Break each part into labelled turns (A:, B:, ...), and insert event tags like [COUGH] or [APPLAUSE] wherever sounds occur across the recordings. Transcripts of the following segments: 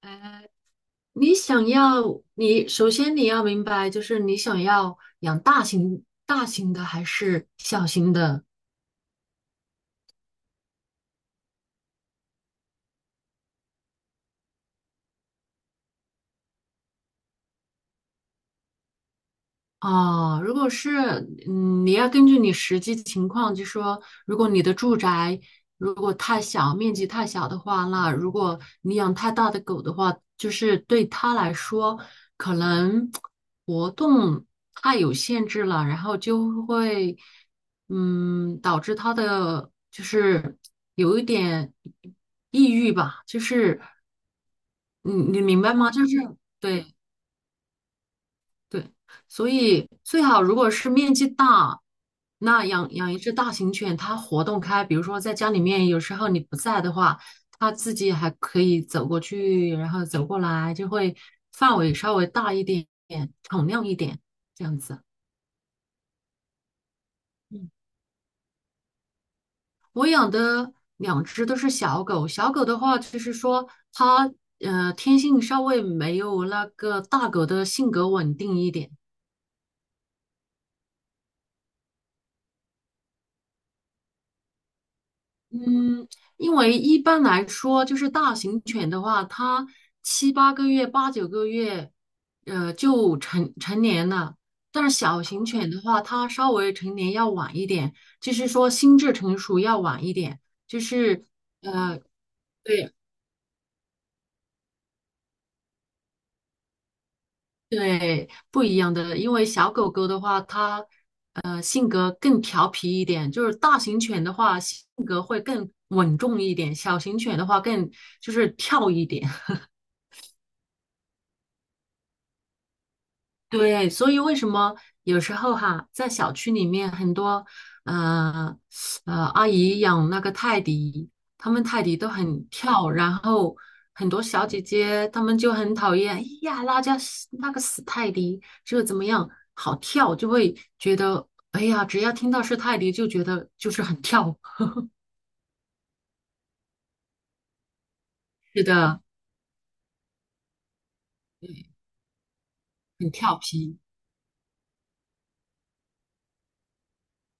A: 呃，你想要，你首先你要明白，就是你想要养大型的还是小型的。哦，如果是，你要根据你实际情况，就说，如果你的住宅如果太小，面积太小的话，那如果你养太大的狗的话，就是对它来说，可能活动太有限制了，然后就会，导致它的就是有一点抑郁吧，就是你明白吗？就是。对，对，所以最好如果是面积大，那养一只大型犬，它活动开，比如说在家里面，有时候你不在的话，它自己还可以走过去，然后走过来，就会范围稍微大一点，敞亮一点，这样子。嗯，我养的两只都是小狗，小狗的话就是说它天性稍微没有那个大狗的性格稳定一点。嗯，因为一般来说，就是大型犬的话，它7、8个月、8、9个月，就成年了。但是小型犬的话，它稍微成年要晚一点，就是说心智成熟要晚一点，就是呃，对对，不一样的。因为小狗狗的话，它性格更调皮一点，就是大型犬的话性格会更稳重一点，小型犬的话更就是跳一点。对，所以为什么有时候哈，在小区里面很多呃阿姨养那个泰迪，他们泰迪都很跳，然后很多小姐姐她们就很讨厌，哎呀，那家死那个死泰迪就怎么样，好跳，就会觉得哎呀，只要听到是泰迪就觉得就是很跳，[LAUGHS] 是的，很调皮。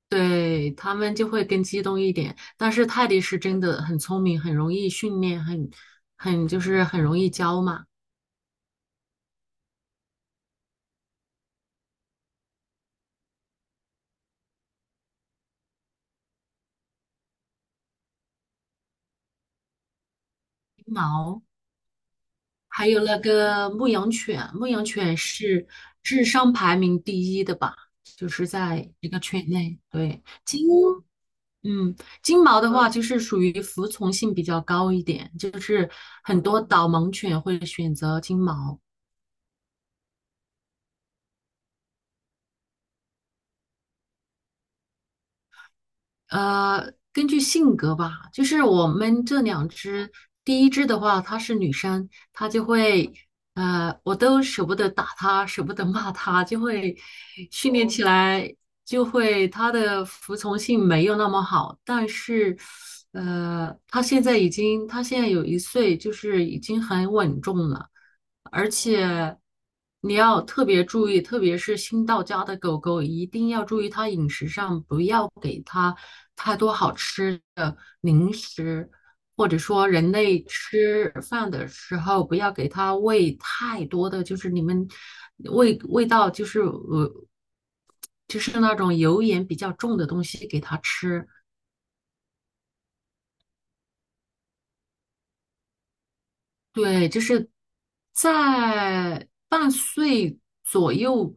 A: 对，他们就会更激动一点，但是泰迪是真的很聪明，很容易训练，很就是很容易教嘛。金毛，还有那个牧羊犬，牧羊犬是智商排名第一的吧？就是在一个犬类。对，金，嗯，金毛的话就是属于服从性比较高一点，就是很多导盲犬会选择金毛。根据性格吧，就是我们这两只，第一只的话，它是女生，它就会，我都舍不得打它，舍不得骂它，就会训练起来，就会它的服从性没有那么好，但是，它现在已经，它现在有1岁，就是已经很稳重了。而且你要特别注意，特别是新到家的狗狗，一定要注意它饮食上，不要给它太多好吃的零食，或者说人类吃饭的时候，不要给它喂太多的，就是你们味道就是就是那种油盐比较重的东西给它吃，对，就是在半岁左右，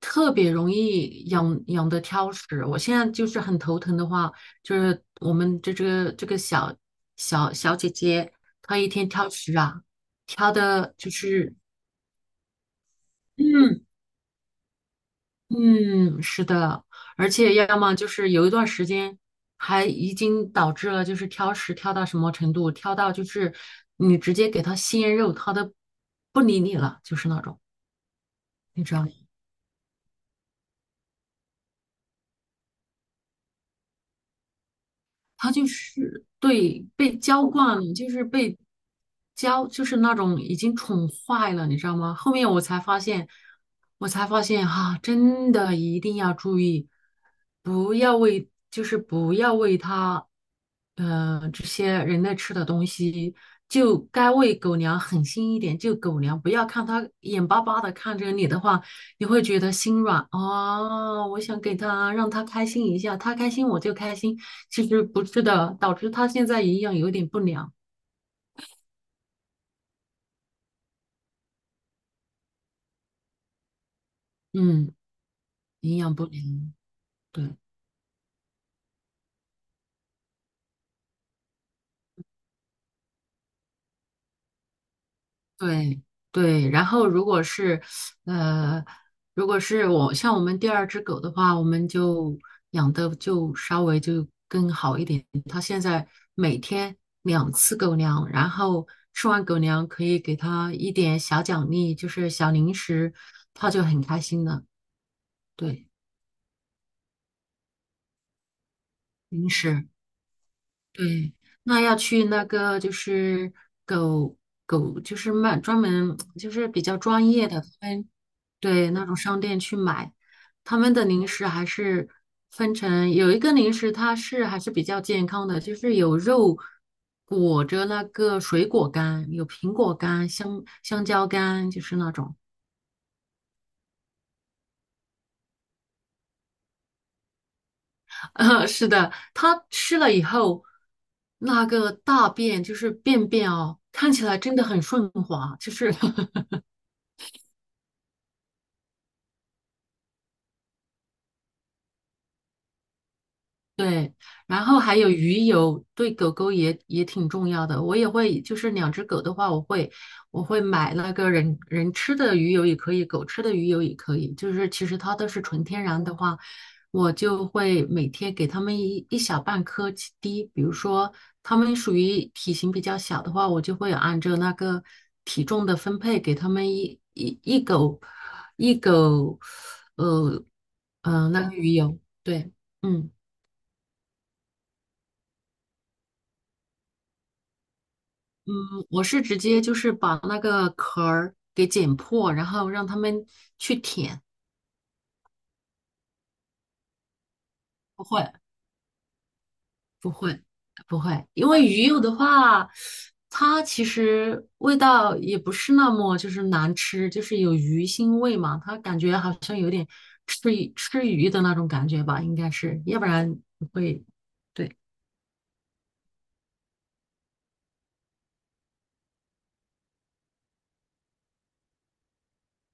A: 特别容易养的挑食。我现在就是很头疼的话，就是我们这个小姐姐，她一天挑食啊，挑的就是。嗯，嗯，是的，而且要么就是有一段时间，还已经导致了就是挑食挑到什么程度，挑到就是你直接给他鲜肉，他都不理你了，就是那种，你知道吗？他就是对被娇惯了，就是被娇，就是那种已经宠坏了，你知道吗？后面我才发现，我才发现哈、真的一定要注意，不要喂，就是不要喂它，这些人类吃的东西，就该喂狗粮，狠心一点，就狗粮，不要看它眼巴巴的看着你的话，你会觉得心软啊，我想给它，让它开心一下，它开心我就开心。其实不是的，导致它现在营养有点不良。嗯，营养不良，对对对。然后如果是呃，如果是我像我们第二只狗的话，我们就养的就稍微就更好一点。它现在每天2次狗粮，然后吃完狗粮可以给它一点小奖励，就是小零食，它就很开心了。对，零食。对，那要去那个就是狗狗，就是卖专门就是比较专业的，分，对那种商店去买，他们的零食还是分成有一个零食它是还是比较健康的，就是有肉裹着那个水果干，有苹果干、香蕉干，就是那种。[LAUGHS] 是的，它吃了以后，那个大便就是便便哦，看起来真的很顺滑，就是 [LAUGHS] 对，然后还有鱼油，对狗狗也挺重要的。我也会，就是两只狗的话，我会买那个人吃的鱼油也可以，狗吃的鱼油也可以。就是其实它都是纯天然的话，我就会每天给它们一小半颗起滴。比如说它们属于体型比较小的话，我就会按照那个体重的分配给它们一狗一狗，呃那个鱼油，对。嗯。嗯，我是直接就是把那个壳儿给剪破，然后让他们去舔。不会，不会，不会，因为鱼肉的话，它其实味道也不是那么就是难吃，就是有鱼腥味嘛，它感觉好像有点吃鱼吃鱼的那种感觉吧，应该是，要不然不会。对。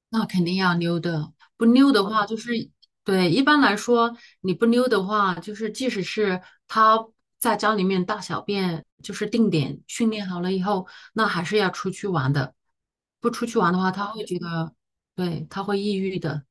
A: 那肯定要溜的，不溜的话就是，对，一般来说你不溜的话，就是即使是它在家里面大小便，就是定点训练好了以后，那还是要出去玩的。不出去玩的话，他会觉得，对，他会抑郁的。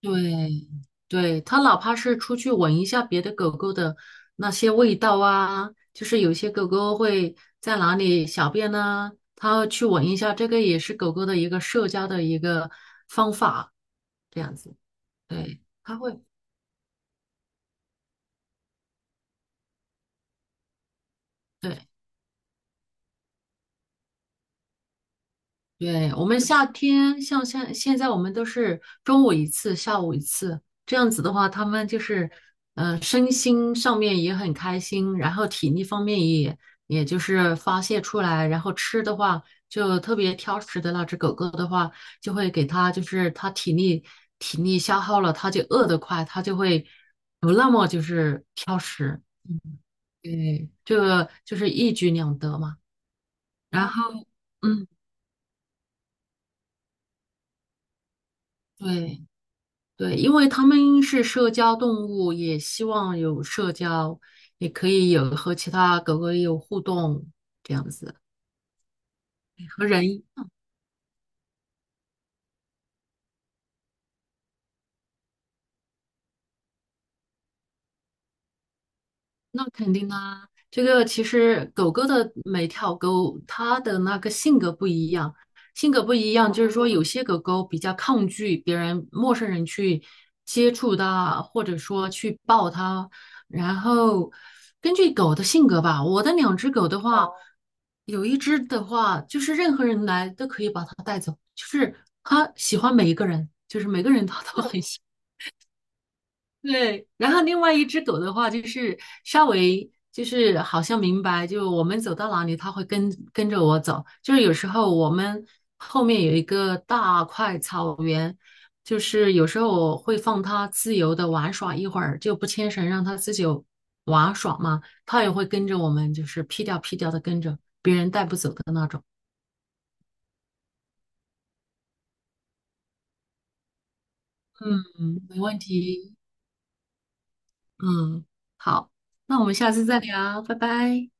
A: 对，对，它哪怕是出去闻一下别的狗狗的那些味道啊，就是有些狗狗会在哪里小便呢、它去闻一下，这个也是狗狗的一个社交的一个方法。这样子，对，它会，对，对，我们夏天像现在我们都是中午1次，下午1次，这样子的话，他们就是，身心上面也很开心，然后体力方面也就是发泄出来，然后吃的话就特别挑食的那只狗狗的话，就会给它就是它体力消耗了，它就饿得快，它就会不那么就是挑食，对，这个就是一举两得嘛，然后。嗯。对对，因为它们是社交动物，也希望有社交，也可以有和其他狗狗有互动，这样子和人那肯定啊，这个其实狗狗的每条狗它的那个性格不一样，性格不一样，就是说有些狗狗比较抗拒别人、陌生人去接触它，或者说去抱它。然后根据狗的性格吧，我的两只狗的话，哦有一只的话就是任何人来都可以把它带走，就是它喜欢每一个人，就是每个人它都 [LAUGHS] 很喜欢。对，然后另外一只狗的话，就是稍微就是好像明白，就我们走到哪里，它会跟着我走。就是有时候我们后面有一个大块草原，就是有时候我会放它自由的玩耍一会儿，就不牵绳让它自己玩耍嘛，它也会跟着我们，就是屁颠儿屁颠儿的跟着，别人带不走的那种。嗯，没问题。嗯，好，那我们下次再聊，拜拜。